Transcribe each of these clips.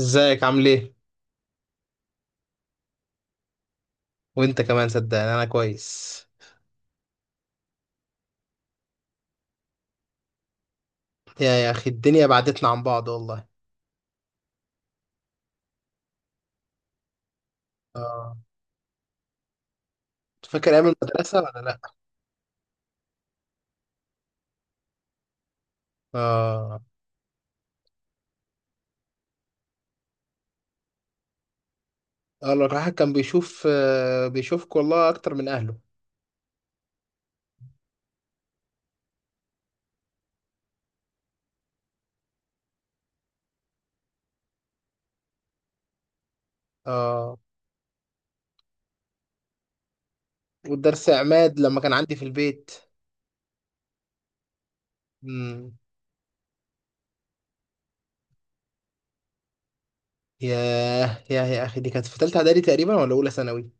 ازيك عامل ايه؟ وانت كمان، صدقني انا كويس. يا اخي الدنيا بعدتنا عن بعض والله. اه. فاكر ايام المدرسه ولا لا؟ اه، اه. لو الواحد كان بيشوف، بيشوفك والله اكتر من اهله. اه. والدرس عماد لما كان عندي في البيت. امم. ياه، يا اخي دي كانت في تالتة اعدادي تقريبا، ولا اولى ثانوي؟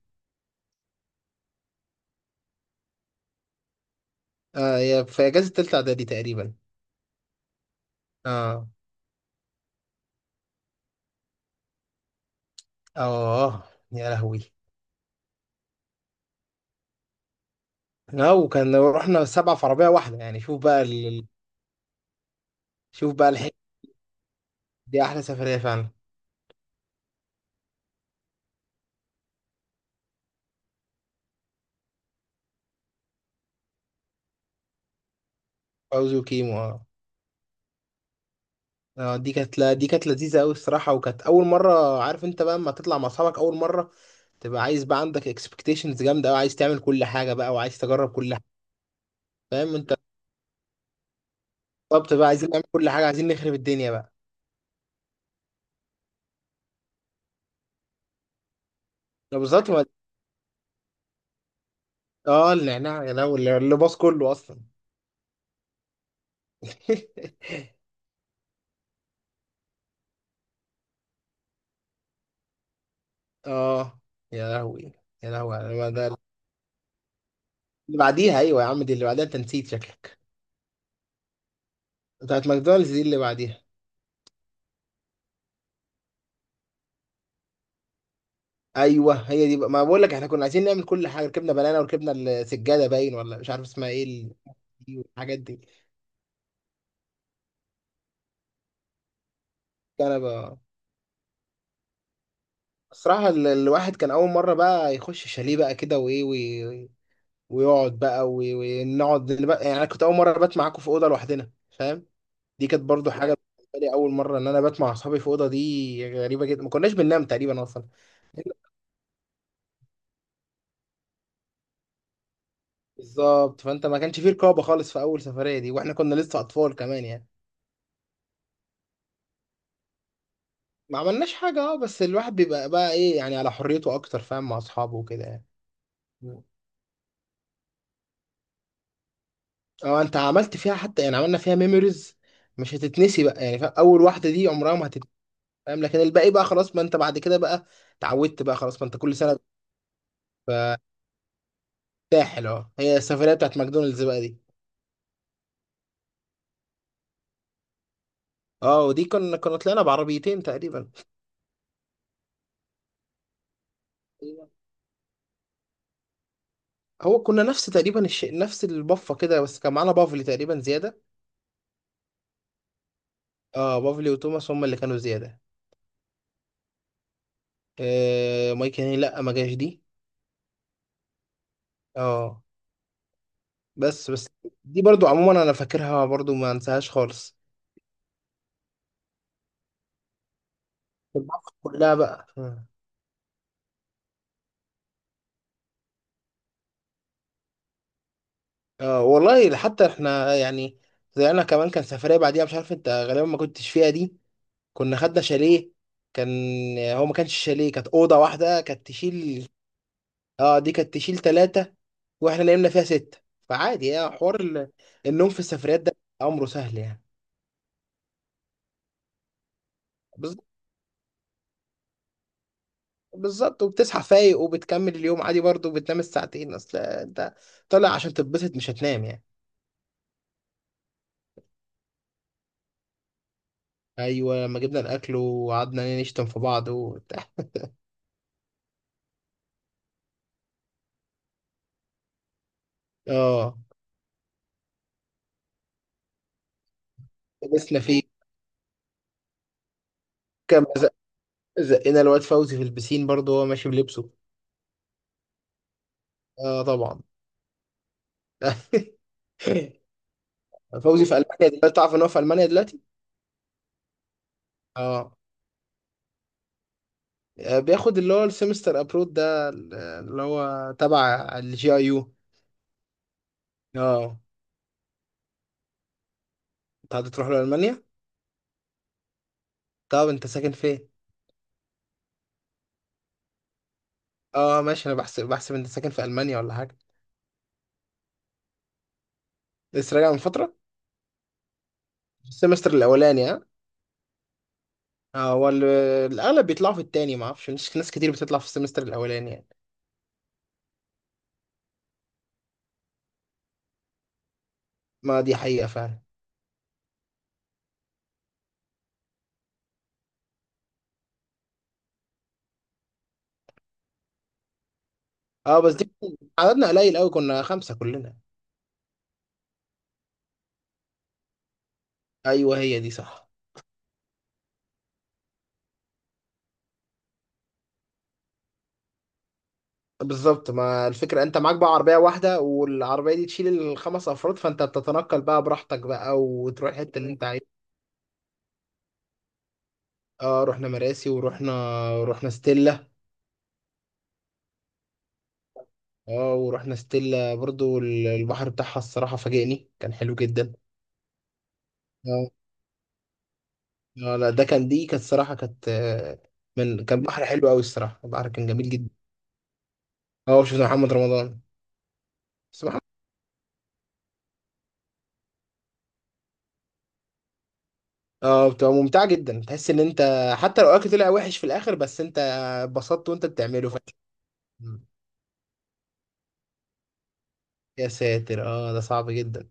اه، يا في اجازه تالتة اعدادي تقريبا. اه. اه يا لهوي. اه، وكان رحنا 7 في عربية واحدة، يعني شوف بقى شوف بقى، دي احلى سفريه فعلا. فوزي وكيمو، اه. دي كانت، لا دي كانت لذيذه قوي الصراحه، وكانت اول مره. عارف انت بقى اما تطلع مع اصحابك اول مره، تبقى عايز بقى عندك اكسبكتيشنز جامده قوي، عايز تعمل كل حاجه بقى وعايز تجرب كل حاجه. فاهم انت؟ بالظبط بقى، عايزين نعمل كل حاجه، عايزين نخرب الدنيا بقى. لا، بالظبط اه، النعناع يا لهوي اللي باظ كله اصلا. اه، يا لهوي. يا لهوي على ما ده. اللي بعديها، ايوه يا عم، دي اللي بعديها انت نسيت شكلك. بتاعت ماكدونالدز دي اللي بعديها. ايوه هي دي بقى، ما بقول لك احنا كنا عايزين نعمل كل حاجه. ركبنا بنانا وركبنا السجاده، باين، ولا مش عارف اسمها ايه دي والحاجات دي. كان بقى، الصراحه الواحد كان اول مره بقى يخش شاليه بقى كده، وايه ويقعد بقى ونقعد يعني انا كنت اول مره بات معاكم في اوضه لوحدنا. فاهم؟ دي كانت برضو حاجه بالنسبه لي، اول مره ان انا بات مع اصحابي في اوضه. دي غريبه جدا، ما كناش بننام تقريبا اصلا. بالظبط. فانت ما كانش فيه رقابه خالص في اول سفريه دي، واحنا كنا لسه اطفال كمان يعني. ما عملناش حاجة، اه بس الواحد بيبقى بقى ايه، يعني على حريته اكتر، فاهم، مع اصحابه وكده يعني. مم. اه، انت عملت فيها حتى، يعني عملنا فيها ميموريز، مش هتتنسي بقى يعني. فاهم؟ اول واحدة دي عمرها ما هتتنسي. فاهم؟ لكن الباقي بقى خلاص، ما انت بعد كده بقى، اتعودت بقى خلاص، ما انت كل سنة. ساحل، اه، هي السفرية بتاعت ماكدونالدز بقى دي. اه، ودي كنا طلعنا بعربيتين تقريبا. هو كنا نفس تقريبا الشيء، نفس البفة كده، بس كان معانا بافلي تقريبا زيادة. اه، بافلي وتوماس هم اللي كانوا زيادة. آه مايك هاني، لا ما جاش دي. اه. بس بس دي برضو عموما انا فاكرها برضو، ما انساهاش خالص. المواقف كلها بقى. والله، حتى احنا يعني، طلعنا كمان، كان سفرية بعديها مش عارف انت غالبا ما كنتش فيها دي. كنا خدنا شاليه، كان، هو ما كانش شاليه، كانت أوضة واحدة، كانت تشيل. اه، دي كانت تشيل 3، واحنا نمنا فيها 6. فعادي يعني، حوار النوم في السفريات ده، أمره سهل يعني. بز- بالظبط، وبتصحى فايق وبتكمل اليوم عادي، برضو بتنام الساعتين، اصل انت طالع عشان تتبسط، مش هتنام يعني. ايوه، لما جبنا الاكل وقعدنا نشتم في بعض اه، لبسنا فيه. كان زقنا الواد فوزي في البسين برضه وهو ماشي بلبسه. اه طبعا. فوزي في المانيا دلوقتي، تعرف ان هو في المانيا دلوقتي؟ اه. بياخد اللي هو السمستر ابرود ده، اللي هو تبع الجي اي يو. اه. انت هتروح له المانيا؟ طب انت ساكن فين؟ اه ماشي، انا بحسب انت ساكن في المانيا ولا حاجه. لسه راجع من فتره. السمستر الاولاني. هو الأغلب بيطلعوا في التاني، ما أعرفش، مش ناس كتير بتطلع في السمستر الأولاني يعني. ما دي حقيقة فعلا. أه بس دي، عددنا قليل أوي، كنا 5 كلنا. أيوه، هي دي صح. بالظبط، ما الفكرة أنت معاك بقى عربية واحدة، والعربية دي تشيل الخمس أفراد، فأنت بتتنقل بقى براحتك بقى، وتروح الحتة اللي أنت عايزها. أه، رحنا مراسي، ورحنا، رحنا ستيلا. أه، ورحنا ستيلا برضو، البحر بتاعها الصراحة فاجئني، كان حلو جدا. آه، اه لا، ده كان، دي كانت صراحة كانت من كان بحر حلو قوي. الصراحة البحر كان جميل جدا. اه، شفت محمد رمضان. بس محمد، اه، بتبقى ممتعة جدا، تحس ان انت، حتى لو الاكل طلع وحش في الاخر، بس انت اتبسطت وانت بتعمله يا ساتر. اه ده صعب جدا.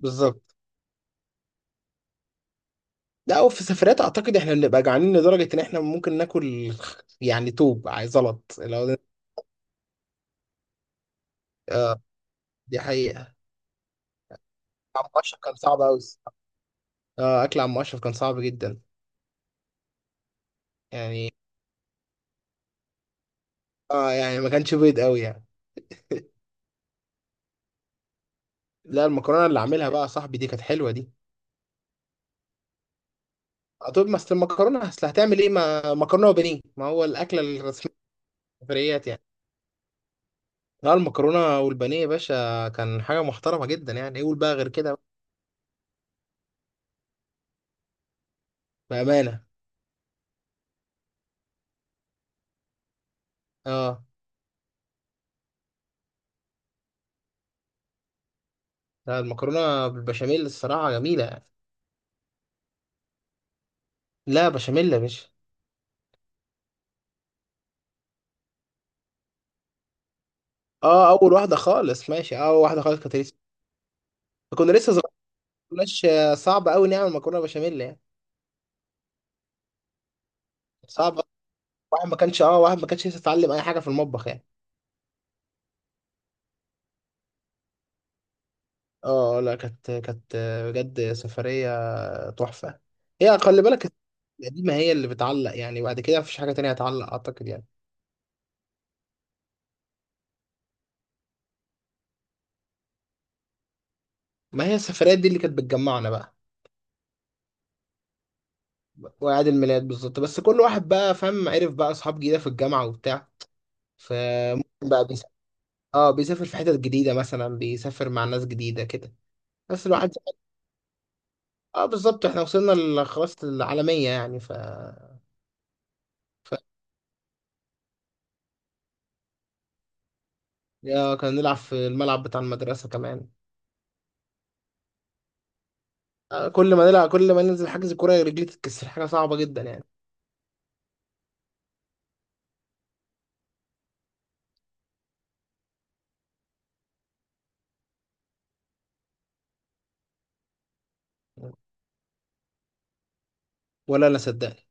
بالظبط. لا، وفي السفرات اعتقد احنا بنبقى جعانين لدرجة ان احنا ممكن ناكل، يعني توب، عايز زلط لو ده. اه. دي حقيقة. عم اشرف كان صعب قوي الصراحة. اه، اكل عم اشرف كان صعب جدا. يعني، اه يعني ما كانش بيض قوي يعني. لا، المكرونه اللي عاملها بقى يا صاحبي دي كانت حلوه دي. طب ما أصل المكرونه، اصل هتعمل ايه، ما مكرونه وبانيه ما هو الاكله الرسميه في السفريات يعني. لا، المكرونه والبانيه يا باشا كان حاجه محترمه جدا يعني، ايه قول بقى غير كده. بامانه. اه لا، المكرونه بالبشاميل الصراحه جميله يعني. لا بشاميل يا باشا. اه، اول واحده خالص، ماشي، اه اول واحده خالص كانت لسه. كنا لسه صغيرين، ما كناش صعب قوي نعمل مكرونه بشاميل يعني. صعب. واحد ما كانش لسه اتعلم اي حاجه في المطبخ يعني. اه لا، كانت بجد سفريه تحفة. هي خلي بالك، القديمة هي اللي بتعلق يعني، بعد كده مفيش حاجة تانية هتعلق، أعتقد يعني. ما هي السفريات دي اللي كانت بتجمعنا بقى، وأعياد الميلاد. بالظبط، بس كل واحد بقى، فاهم، عرف بقى أصحاب جديدة في الجامعة وبتاع، فممكن بقى بيسافر، اه بيسافر في حتت جديدة مثلا، بيسافر مع ناس جديدة كده. بس الواحد، اه بالظبط، احنا وصلنا خلاص للعالمية يعني ف... آه كنا نلعب في الملعب بتاع المدرسة كمان. آه، كل ما نلعب، كل ما ننزل حجز كورة رجلي تتكسر، حاجة صعبة جدا يعني. ولا أنا صدقت.